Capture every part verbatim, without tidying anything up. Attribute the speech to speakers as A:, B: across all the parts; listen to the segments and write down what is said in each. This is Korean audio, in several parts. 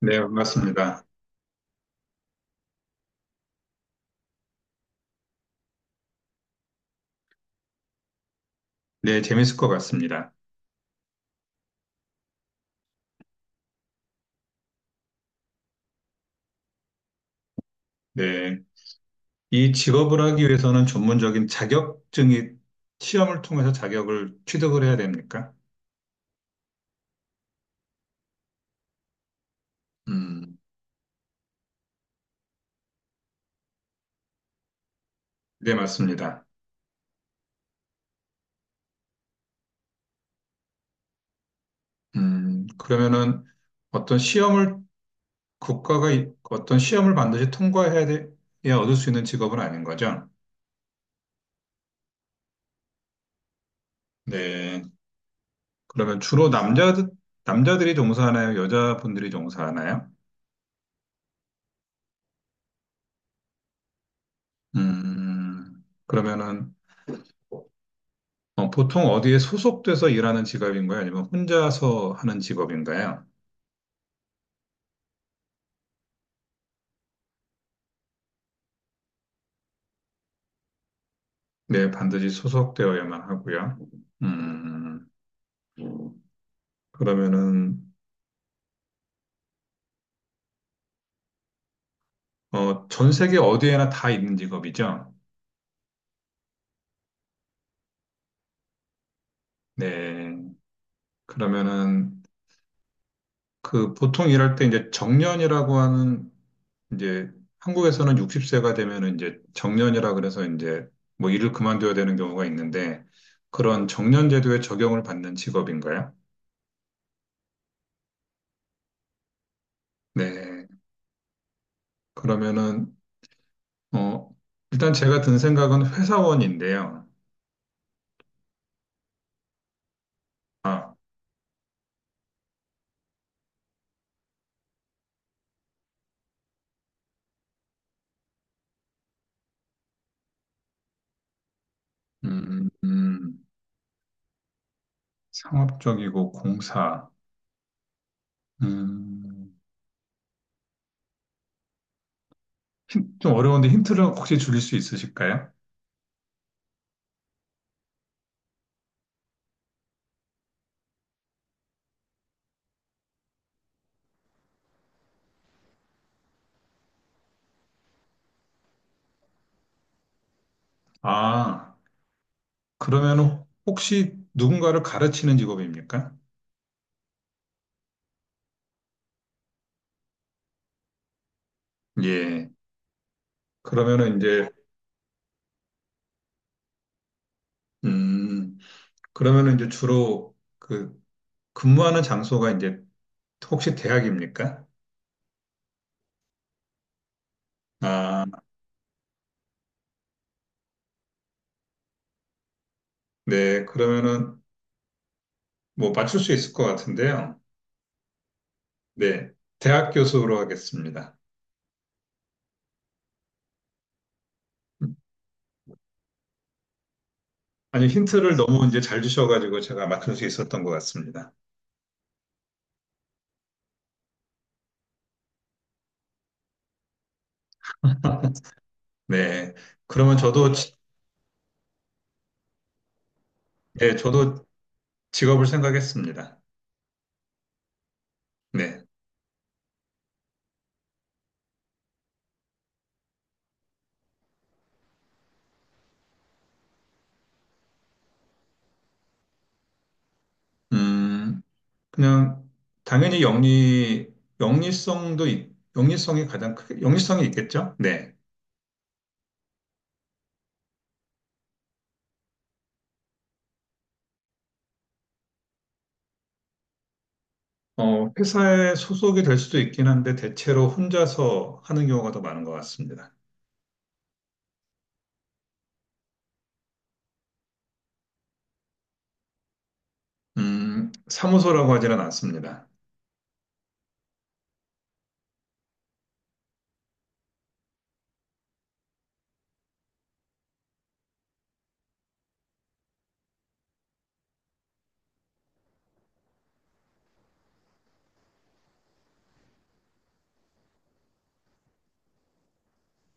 A: 네, 반갑습니다. 네, 재밌을 것 같습니다. 네. 이 직업을 하기 위해서는 전문적인 자격증이 시험을 통해서 자격을 취득을 해야 됩니까? 음, 네, 맞습니다. 음, 그러면은 어떤 시험을 국가가 이- 어떤 시험을 반드시 통과해야 돼, 야 얻을 수 있는 직업은 아닌 거죠? 네. 그러면 주로 남자 남자들이 종사하나요? 여자분들이 종사하나요? 음, 그러면은 어, 보통 어디에 소속돼서 일하는 직업인가요? 아니면 혼자서 하는 직업인가요? 네, 반드시 소속되어야만 하고요. 음, 그러면은, 어, 전 세계 어디에나 다 있는 직업이죠? 네. 그러면은, 그 보통 일할 때 이제 정년이라고 하는, 이제 한국에서는 육십 세가 되면은 이제 정년이라 그래서 이제 뭐 일을 그만둬야 되는 경우가 있는데, 그런 정년 제도의 적용을 받는 직업인가요? 네. 그러면은 어, 일단 제가 든 생각은 회사원인데요. 아, 음, 음, 상업적이고 공사. 음, 좀 어려운데 힌트를 혹시 줄일 수 있으실까요? 아, 그러면 혹시 누군가를 가르치는 직업입니까? 예. 그러면은 이제, 음, 그러면은 이제 주로 그 근무하는 장소가 이제 혹시 대학입니까? 아, 네. 그러면은 뭐 맞출 수 있을 것 같은데요. 네. 대학 교수로 하겠습니다. 아니, 힌트를 너무 이제 잘 주셔가지고 제가 맞출 수 있었던 것 같습니다. 네. 그러면 저도, 지- 네, 저도 직업을 생각했습니다. 네. 음, 그냥, 당연히 영리, 영리성도, 있- 영리성이 가장 크게, 영리성이 있겠죠? 네. 어, 회사에 소속이 될 수도 있긴 한데, 대체로 혼자서 하는 경우가 더 많은 것 같습니다. 음, 사무소라고 하지는 않습니다.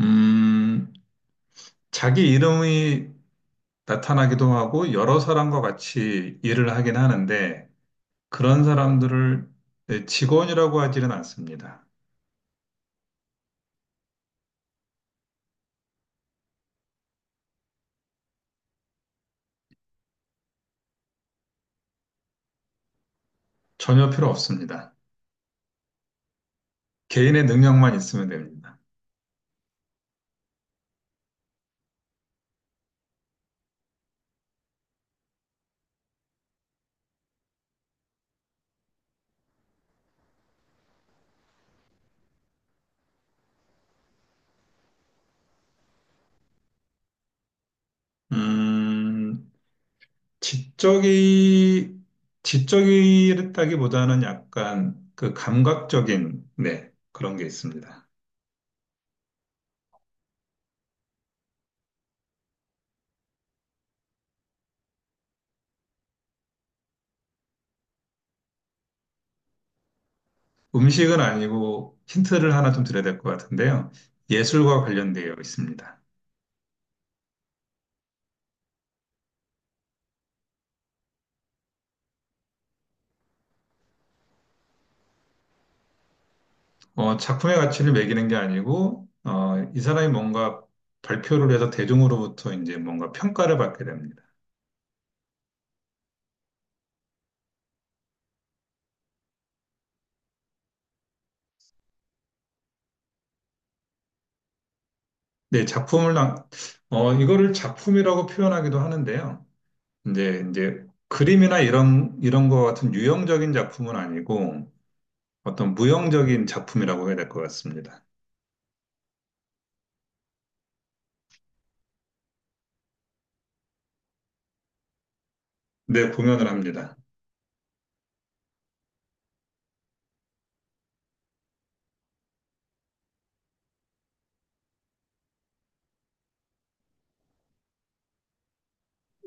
A: 음, 자기 이름이 나타나기도 하고 여러 사람과 같이 일을 하긴 하는데 그런 사람들을 네, 직원이라고 하지는 않습니다. 전혀 필요 없습니다. 개인의 능력만 있으면 됩니다. 음, 지적이, 지적이랬다기보다는 약간 그 감각적인, 네, 그런 게 있습니다. 음식은 아니고 힌트를 하나 좀 드려야 될 것 같은데요. 예술과 관련되어 있습니다. 어, 작품의 가치를 매기는 게 아니고, 어, 이 사람이 뭔가 발표를 해서 대중으로부터 이제 뭔가 평가를 받게 됩니다. 네, 작품을, 나- 어, 이거를 작품이라고 표현하기도 하는데요. 이제, 이제 그림이나 이런, 이런 것 같은 유형적인 작품은 아니고, 어떤 무형적인 작품이라고 해야 될 것 같습니다. 네, 공연을 합니다.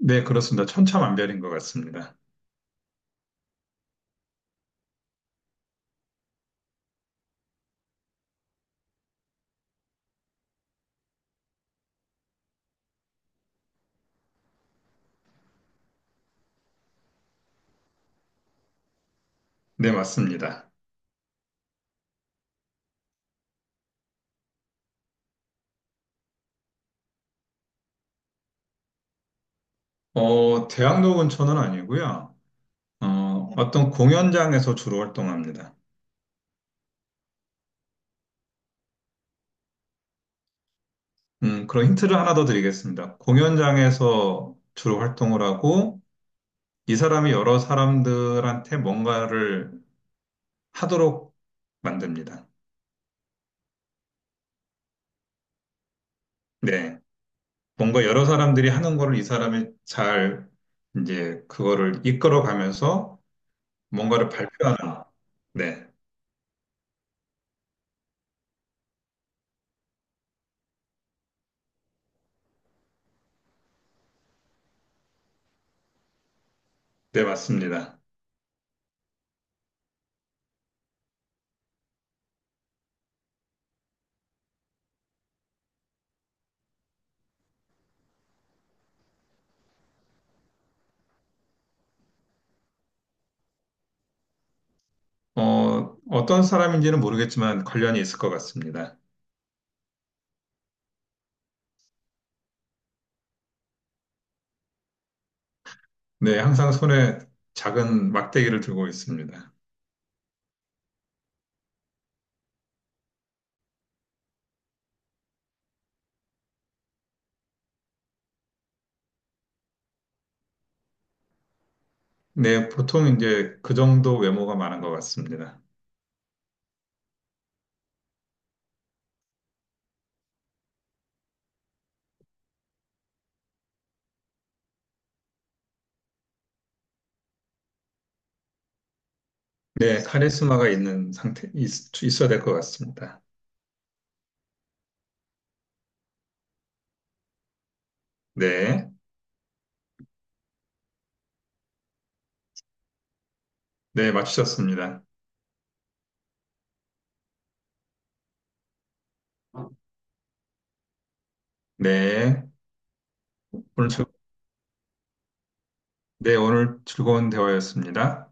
A: 네, 그렇습니다. 천차만별인 것 같습니다. 네, 맞습니다. 어, 대학로 근처는 아니고요. 어, 어떤 공연장에서 주로 활동합니다. 음, 그런 힌트를 하나 더 드리겠습니다. 공연장에서 주로 활동을 하고 이 사람이 여러 사람들한테 뭔가를 하도록 만듭니다. 네. 뭔가 여러 사람들이 하는 거를 이 사람이 잘 이제 그거를 이끌어 가면서 뭔가를 발표하는. 네. 네, 맞습니다. 어, 어떤 사람인지는 모르겠지만 관련이 있을 것 같습니다. 네, 항상 손에 작은 막대기를 들고 있습니다. 네, 보통 이제 그 정도 외모가 많은 것 같습니다. 네, 카리스마가 있는 상태, 있, 있어야 될 것 같습니다. 네, 네, 맞추셨습니다. 네, 오늘 즐, 네, 오늘 즐거운 대화였습니다.